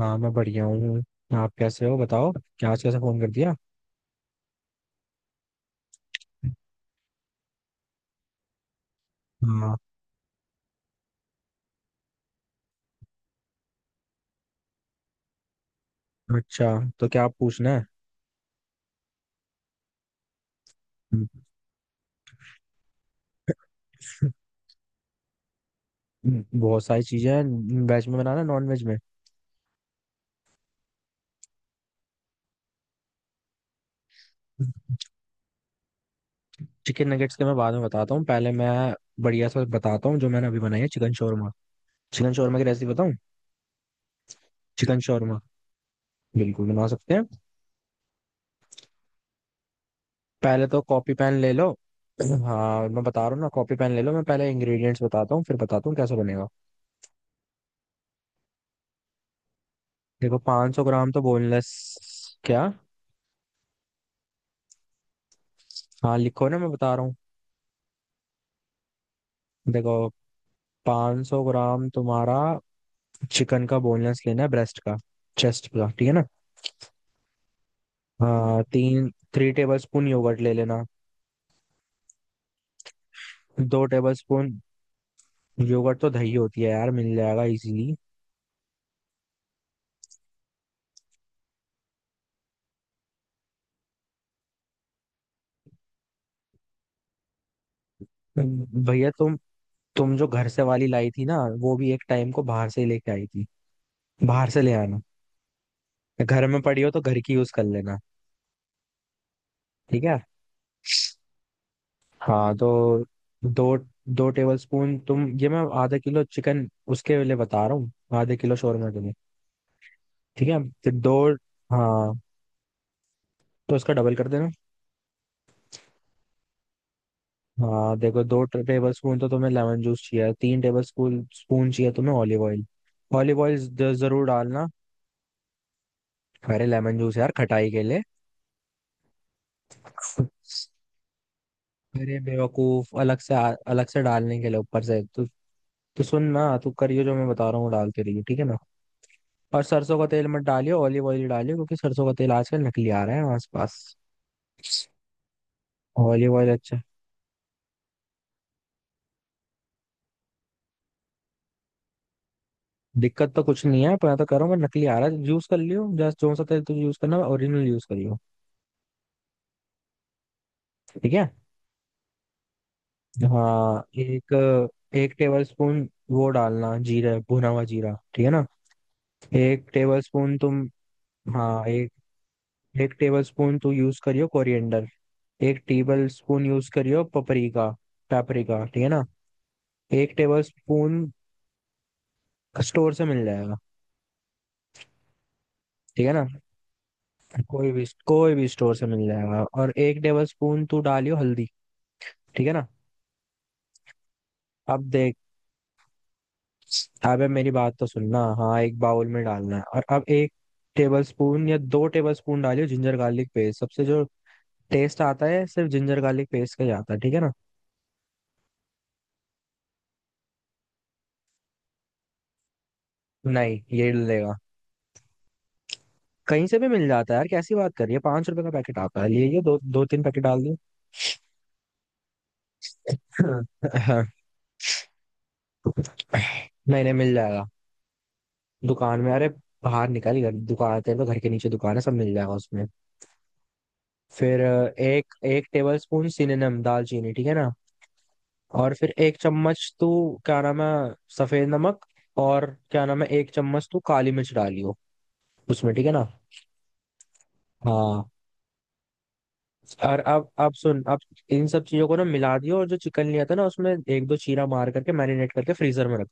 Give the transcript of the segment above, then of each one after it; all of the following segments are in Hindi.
हाँ मैं बढ़िया हूँ। आप कैसे हो बताओ। क्या आज कैसे फोन कर दिया। हाँ। अच्छा। तो क्या आप पूछना है। बहुत सारी चीजें हैं। वेज में बनाना नॉन वेज में। चिकन नगेट्स के मैं बाद में बताता हूँ। पहले मैं बढ़िया सा बताता हूँ जो मैंने अभी बनाई है, चिकन शोरमा। चिकन शोरमा की रेसिपी बताऊँ? चिकन शोरमा बिल्कुल बना सकते हैं। पहले तो कॉपी पैन ले लो। हाँ मैं बता रहा हूँ ना। कॉपी पैन ले लो। मैं पहले इंग्रेडिएंट्स बताता हूँ फिर बताता हूँ कैसे बनेगा। देखो 500 ग्राम तो बोनलेस। क्या। हाँ लिखो ना, मैं बता रहा हूँ। देखो, पाँच सौ ग्राम तुम्हारा चिकन का बोनलेस लेना है, ब्रेस्ट का। चेस्ट का, ठीक है ना। हाँ, तीन थ्री टेबल स्पून योगर्ट ले लेना। दो टेबल स्पून। योगर्ट तो दही होती है यार, मिल जाएगा इजीली। भैया तुम जो घर से वाली लाई थी ना, वो भी एक टाइम को बाहर से ही लेके आई थी। बाहर से ले आना। घर में पड़ी हो तो घर की यूज कर लेना। ठीक है। हाँ तो दो। दो टेबल स्पून तुम, ये मैं आधा किलो चिकन उसके लिए बता रहा हूँ। आधे किलो शोरमा के लिए। ठीक है तो दो। हाँ तो इसका डबल कर देना। हाँ देखो, दो टेबल स्पून तो तुम्हें लेमन जूस चाहिए। 3 टेबल स्पून स्पून चाहिए तुम्हें ऑलिव ऑयल। ऑलिव ऑयल जरूर डालना। अरे लेमन जूस यार खटाई के लिए। अरे बेवकूफ, अलग से डालने के लिए ऊपर से। तो सुन ना, तू करियो जो मैं बता रहा हूँ वो डालते रहिए, ठीक है ना। और सरसों का तेल मत डालियो, ऑलिव ऑयल ही डालियो, क्योंकि सरसों का तेल आजकल नकली आ रहा है आसपास। Olive oil. अच्छा। दिक्कत तो कुछ नहीं है, पर मैं तो कह रहा हूँ मैं नकली आ रहा है, यूज कर लियो जस्ट जो सा तेल तुझे यूज करना है ओरिजिनल यूज करियो। ठीक है। हाँ, एक एक टेबल स्पून वो डालना, जीरा, भुना हुआ जीरा, ठीक है ना। एक टेबल स्पून तुम। हाँ, एक एक टेबल स्पून तू यूज करियो कोरिएंडर। एक टेबल स्पून यूज करियो पपरिका। पेपरिका, ठीक है ना। एक टेबल स्पून। स्टोर से मिल जाएगा। ठीक है ना। कोई भी, कोई भी स्टोर से मिल जाएगा। और एक टेबल स्पून तू डालियो हल्दी, ठीक है ना। अब देख। अबे मेरी बात तो सुनना। हाँ, एक बाउल में डालना है, और अब एक टेबल स्पून या दो टेबल स्पून डालियो जिंजर गार्लिक पेस्ट। सबसे जो टेस्ट आता है सिर्फ जिंजर गार्लिक पेस्ट का ही आता है, ठीक है ना। नहीं, ये लेगा। कहीं से भी मिल जाता है यार, कैसी बात कर रही है। 5 रुपए का पैकेट आता है, ले ये दो दो तीन पैकेट डाल दो। हाँ। नहीं नहीं, मिल जाएगा दुकान में। अरे बाहर निकल घर, दुकान, तेरे तो घर के नीचे दुकान है, सब मिल जाएगा उसमें। फिर एक एक टेबल स्पून सिनेनम, दालचीनी, ठीक है ना। और फिर एक चम्मच तू, क्या नाम है, सफेद नमक, और क्या नाम है, एक चम्मच तू काली मिर्च डालियो उसमें, ठीक है ना। हाँ, और अब सुन। अब इन सब चीजों को ना मिला दियो और जो चिकन लिया था ना, उसमें एक दो चीरा मार करके मैरिनेट करके फ्रीजर में रख।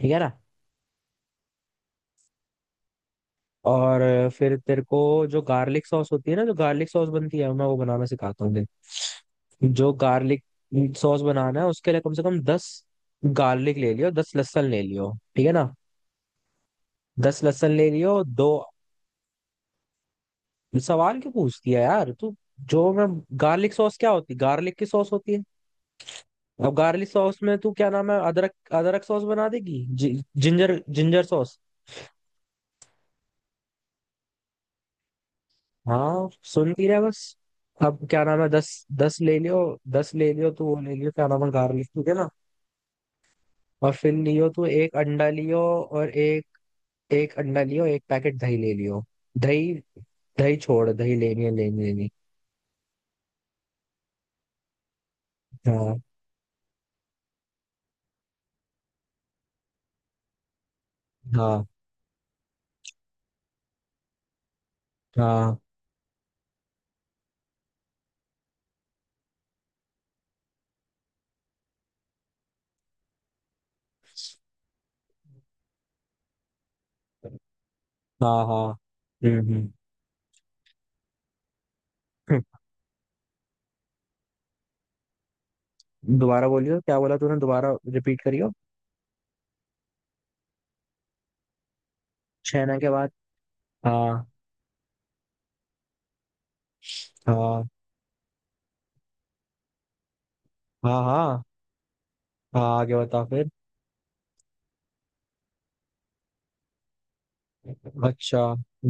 ठीक है ना। और फिर तेरे को जो गार्लिक सॉस होती है ना, जो गार्लिक सॉस बनती है, मैं वो बनाना सिखाता हूँ, देख। जो गार्लिक सॉस बनाना है उसके लिए कम से कम 10 गार्लिक ले लियो, 10 लहसुन ले लियो, ठीक है ना। दस लहसुन ले लियो दो। सवाल क्यों पूछती है यार तू। जो मैं गार्लिक सॉस, क्या होती, गार्लिक की सॉस होती है। अब गार्लिक सॉस में तू, क्या नाम है, अदरक। अदरक सॉस बना देगी। Ginger ginger sauce. हाँ सुन, पी रहा है बस। अब, क्या नाम है, दस। दस ले लियो। दस ले लियो तू, वो ले लियो, क्या नाम है, गार्लिक, ठीक है ना। और फिर लियो तू एक अंडा लियो। और एक, एक अंडा लियो, एक पैकेट दही ले लियो। दही। दही छोड़, दही लेनी है, लेनी लेनी। हाँ। हाँ हाँ। हाँ हाँ। हम्म हम्म दोबारा बोलियो, क्या बोला तूने दोबारा। रिपीट करियो। छैना के बाद। हाँ। हाँ हाँ हाँ। हाँ आगे बता फिर। अच्छा,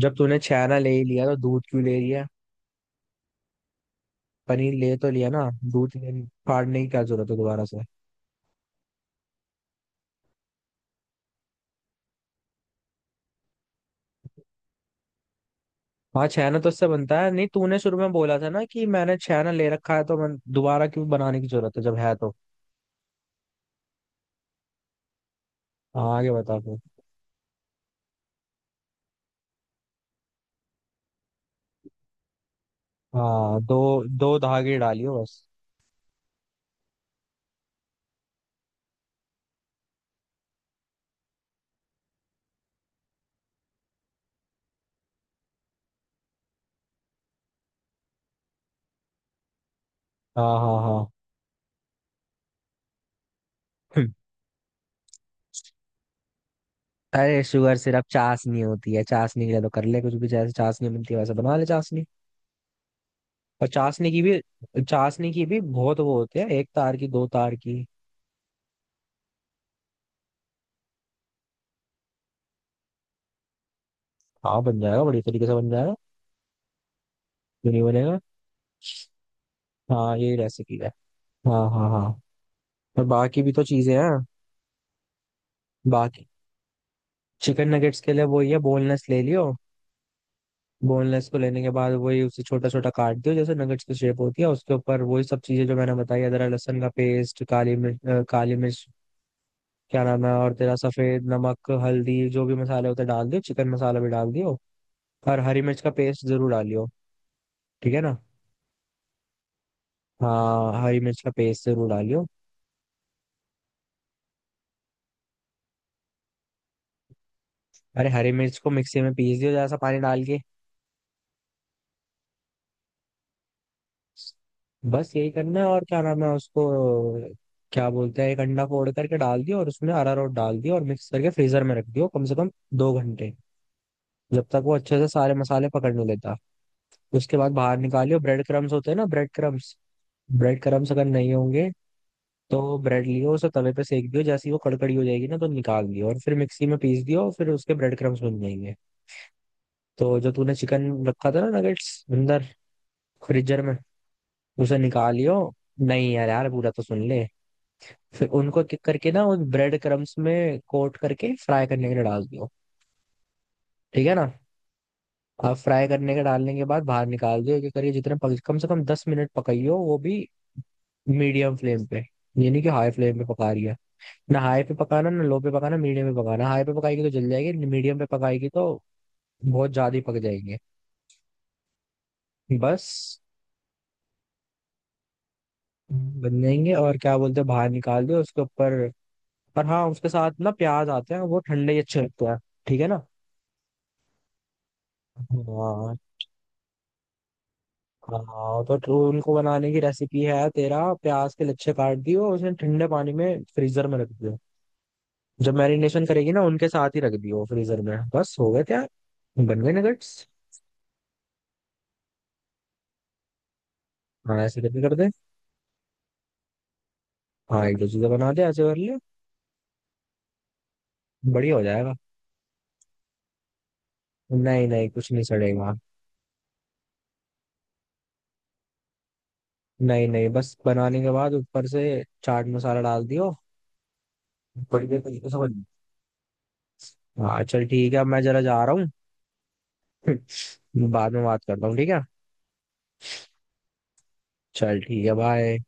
जब तूने छैना ले ही लिया तो दूध क्यों ले लिया। पनीर ले तो लिया ना, दूध ले। फाड़ने की क्या जरूरत है दोबारा से। हाँ छैना तो इससे बनता है, नहीं तूने शुरू में बोला था ना कि मैंने छैना ले रखा है, तो मैं दोबारा क्यों बनाने की जरूरत है जब है तो। हाँ आगे बता फिर। हाँ, दो दो धागे डालियो बस। हाँ हाँ हाँ। अरे शुगर सिर्फ चाशनी होती है, चाशनी के लिए तो कर ले कुछ भी, जैसे चाशनी मिलती है वैसे बना ले चाशनी। और चाशनी की भी बहुत वो होते हैं, एक तार की, दो तार की। हाँ बन जाएगा, बड़ी तरीके से बन जाएगा। क्यों नहीं बनेगा। हाँ यही रेसिपी है। हाँ हाँ हाँ। और बाकी भी तो चीजें हैं। बाकी चिकन नगेट्स के लिए वही है, बोनलेस ले लियो। बोनलेस को लेने के बाद वही उसे छोटा छोटा काट दियो जैसे नगेट्स की शेप होती है, उसके ऊपर वही सब चीजें जो मैंने बताई, अदरक लहसुन का पेस्ट, काली मिर्च, काली मिर्च, क्या नाम है, और तेरा सफेद नमक, हल्दी, जो भी मसाले होते हैं डाल दियो, चिकन मसाला भी डाल दियो। और हरी मिर्च का पेस्ट जरूर डालियो, ठीक है ना। हाँ हरी मिर्च का पेस्ट जरूर डालियो। अरे, हरी मिर्च को मिक्सी में पीस दियो, जरा सा पानी डाल के। बस यही करना है, और क्या नाम है उसको, क्या बोलते हैं, एक अंडा फोड़ करके डाल दियो और उसमें अरारोट डाल दियो और मिक्स करके फ्रीजर में रख दियो कम से कम 2 घंटे, जब तक वो अच्छे से सारे मसाले पकड़ने लेता। उसके बाद बाहर निकालियो। ब्रेड क्रम्स होते हैं ना, ब्रेड क्रम्स। ब्रेड क्रम्स अगर नहीं होंगे तो ब्रेड लियो, उसे तवे पे सेक दियो, जैसे ही वो कड़कड़ी हो जाएगी ना तो निकाल दियो और फिर मिक्सी में पीस दियो और फिर उसके ब्रेड क्रम्स बन जाएंगे। तो जो तूने चिकन रखा था ना नगेट्स, अंदर फ्रीजर में, उसे निकालियो। नहीं यार, यार पूरा तो सुन ले। फिर उनको किक करके ना वो ब्रेड क्रम्स में कोट करके फ्राई करने के लिए डाल दियो, ठीक है ना। अब फ्राई करने के, डालने के बाद बाहर निकाल दियो कि करिए जितने कम से कम 10 मिनट पकाइयो वो भी, मीडियम फ्लेम पे। यानी कि हाई फ्लेम पे पका रही है, ना हाई पे पकाना, ना लो पे पकाना, मीडियम पे पकाना। हाई पे पकाएगी तो जल जाएगी, मीडियम पे पकाएगी तो बहुत ज्यादा ही पक जाएंगे। बस बन जाएंगे, और क्या बोलते हैं, बाहर निकाल दो उसके ऊपर। और हाँ, उसके साथ ना प्याज आते हैं, वो ठंडे ही अच्छे लगते हैं, ठीक है ना। हाँ। हाँ तो उनको बनाने की रेसिपी है, तेरा प्याज के लच्छे काट दियो और उसे ठंडे पानी में फ्रीजर में रख दियो। जब मैरिनेशन करेगी ना उनके साथ ही रख दियो फ्रीजर में, बस हो गए। क्या बन गए नगेट्स। हाँ ऐसे करके कर दे। हाँ एक दो चीजें बना दे, ऐसे कर ले। बढ़िया हो जाएगा। नहीं नहीं, कुछ नहीं सड़ेगा। नहीं नहीं, बस बनाने के बाद ऊपर से चाट मसाला डाल दियो, बढ़िया तरीके से बन। हाँ चल ठीक है, अब मैं जरा जा रहा हूँ। बाद में बात करता हूँ, ठीक है। चल ठीक है, बाय।